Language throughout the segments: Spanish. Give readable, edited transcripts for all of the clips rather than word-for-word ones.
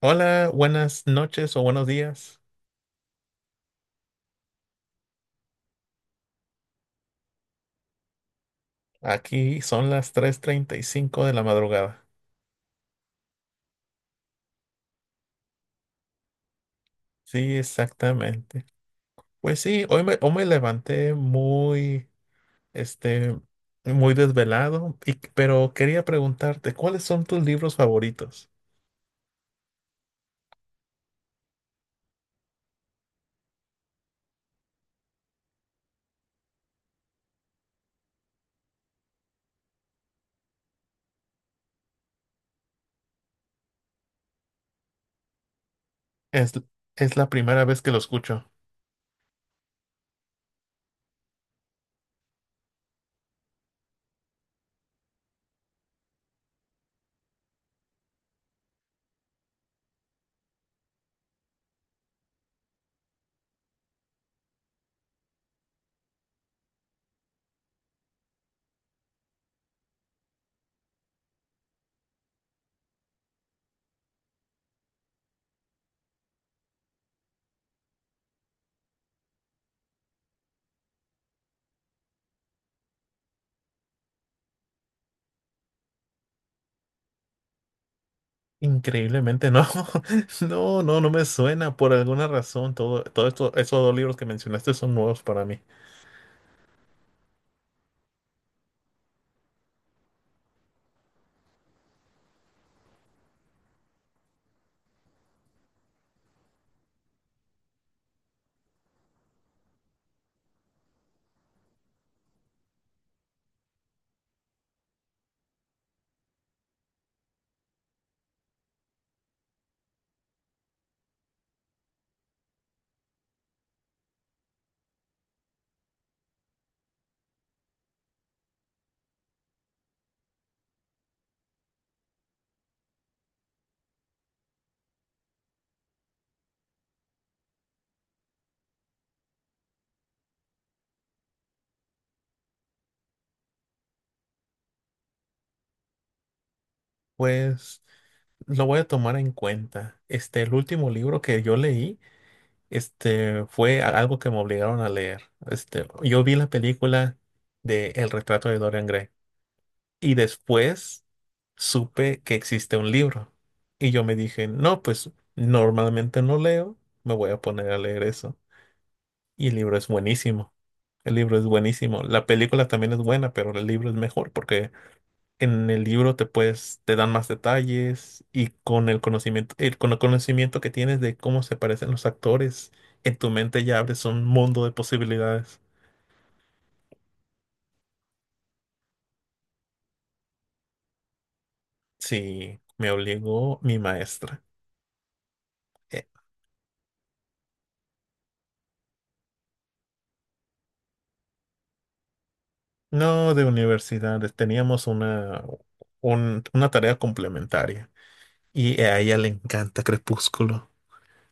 Hola, buenas noches o buenos días. Aquí son las 3:35 de la madrugada. Sí, exactamente. Pues sí, hoy me levanté muy, este, muy desvelado, pero quería preguntarte, ¿cuáles son tus libros favoritos? Es, es la primera vez que lo escucho. Increíblemente, no. No, no, no me suena. Por alguna razón, todo esto, esos dos libros que mencionaste son nuevos para mí. Pues lo voy a tomar en cuenta. El último libro que yo leí, algo que me obligaron a leer. Yo vi la película de El retrato de Dorian Gray y después supe que existe un libro. Y yo me dije, no, pues normalmente no leo, me voy a poner a leer eso. Y el libro es buenísimo. El libro es buenísimo. La película también es buena, pero el libro es mejor porque en el libro te dan más detalles y con el conocimiento, con el conocimiento que tienes de cómo se parecen los actores, en tu mente ya abres un mundo de posibilidades. Sí, me obligó mi maestra. Eh, No de universidades, teníamos una tarea complementaria y a ella le encanta Crepúsculo.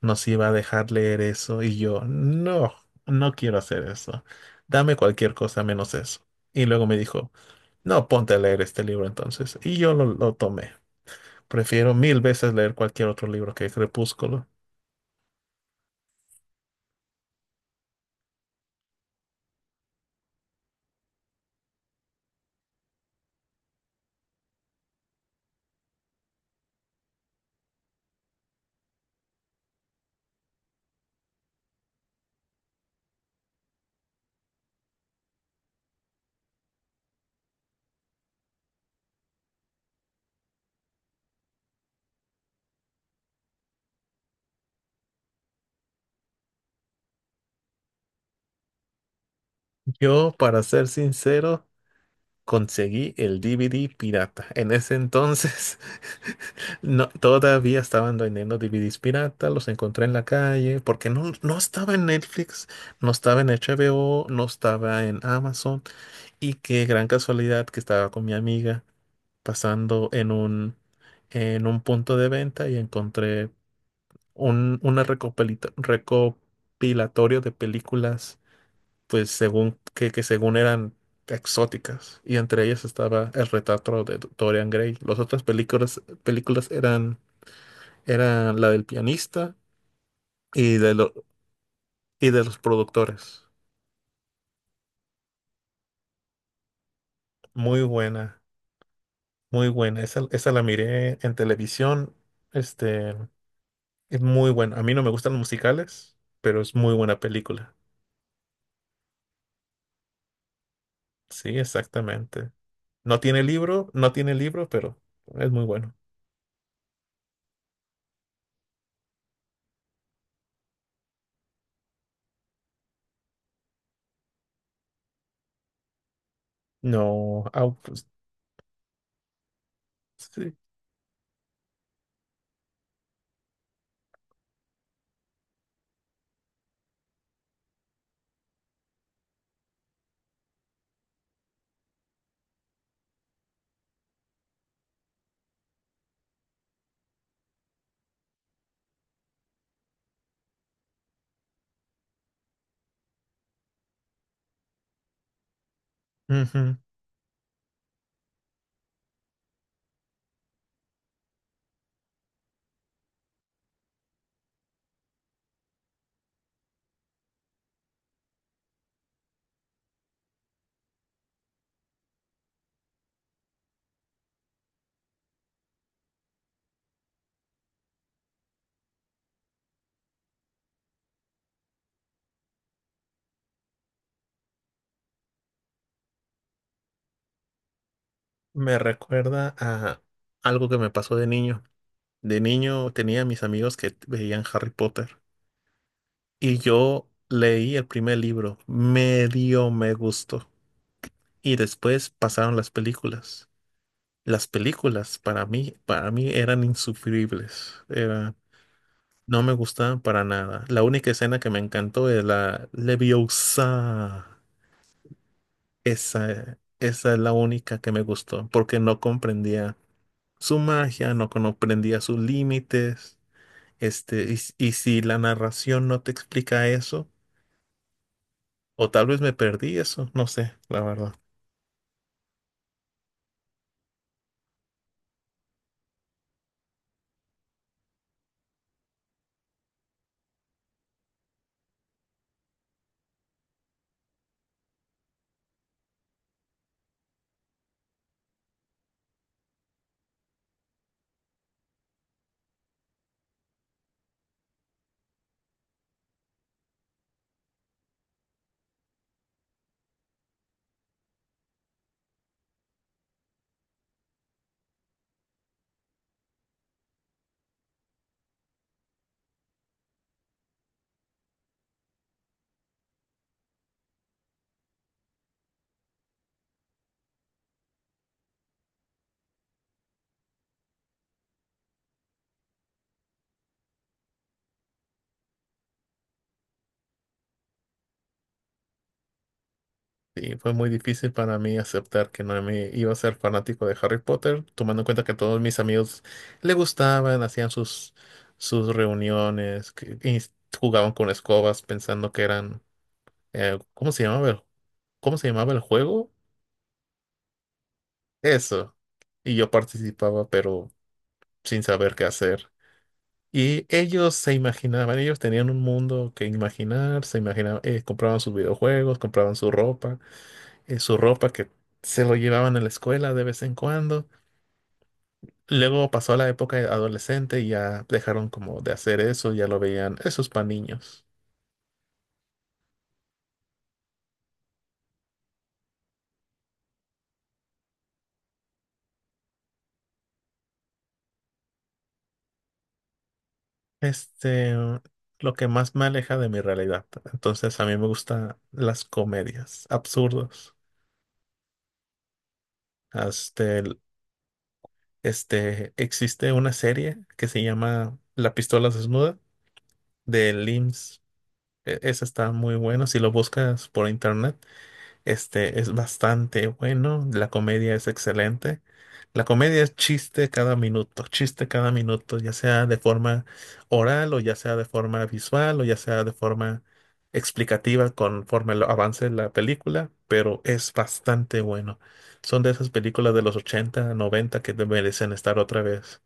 nos iba a dejar leer eso y yo, no, no quiero hacer eso. Dame cualquier cosa menos eso. Y luego me dijo, no, ponte a leer este libro entonces. Y yo lo tomé. Prefiero mil veces leer cualquier otro libro que Crepúsculo. Yo, para ser sincero, conseguí el DVD pirata. En ese entonces, no, todavía estaban vendiendo DVDs pirata, los encontré en la calle, porque no, no estaba en Netflix, no estaba en HBO, no estaba en Amazon. Y qué gran casualidad que estaba con mi amiga pasando en un punto de venta y encontré recopilatorio de películas, pues según que según eran exóticas. Y entre ellas estaba el retrato de Dorian Gray. Las otras películas eran la del pianista y de, lo- y de los productores. Muy buena, muy buena. Esa la miré en televisión. Este. Es muy bueno. A mí no me gustan los musicales, pero es muy buena película. Sí, exactamente. No tiene libro, no tiene libro, pero es muy bueno. No, ah, pues, sí. Ujú. Me recuerda a algo que me pasó de niño. De niño tenía mis amigos que veían Harry Potter y yo leí el primer libro. Medio me gustó. Y después pasaron las películas. Las películas para mí eran insufribles. Era No me gusta para nada. La única escena que me encantó es la Leviosa. Esa es la única que me gustó, porque no comprendía su magia, no comprendía sus límites. Y si la narración no te explica eso, o tal vez me perdí eso, no sé, la verdad. Sí, fue muy difícil para mí aceptar que no me iba a ser fanático de Harry Potter, tomando en cuenta que todos mis amigos le gustaban, hacían sus reuniones, jugaban con escobas pensando que eran, eh, ¿cómo se llamaba el, ¿cómo se llamaba el juego? Eso. Y yo participaba, pero sin saber qué hacer. Y ellos se imaginaban, ellos tenían un mundo que imaginar, se imaginaban, compraban sus videojuegos, compraban su ropa que se lo llevaban a la escuela de vez en cuando. Luego pasó la época de adolescente y ya dejaron como de hacer eso, ya lo veían, esos para niños. Este, lo que más me aleja de mi realidad. Entonces a mí me gustan las comedias absurdas. Este, el- existe una serie que se llama La pistola desnuda de LIMS. Esa está muy buena si lo buscas por internet. Este es bastante bueno, la comedia es excelente. La comedia es chiste cada minuto, ya sea de forma oral o ya sea de forma visual o ya sea de forma explicativa avance la película, pero es bastante bueno. Son de esas películas de los 80, 90 que te merecen estar otra vez.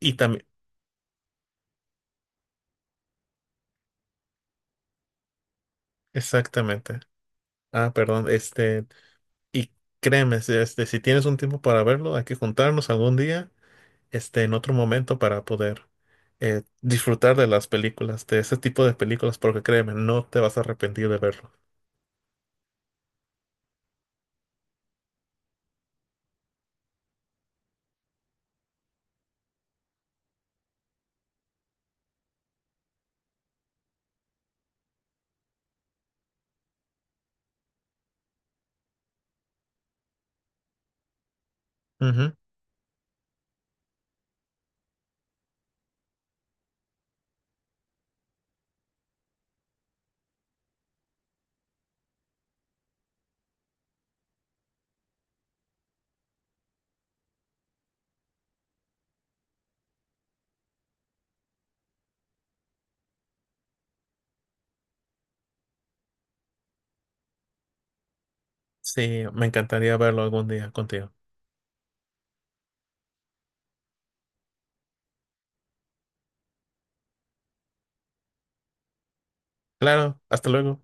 Y también, exactamente. Ah, perdón, y créeme, si tienes un tiempo para verlo, hay que juntarnos algún día en otro momento para poder disfrutar de las películas, de ese tipo de películas, porque créeme, no te vas a arrepentir de verlo. Ujú. Sí, me encantaría verlo algún día contigo. Claro, hasta luego.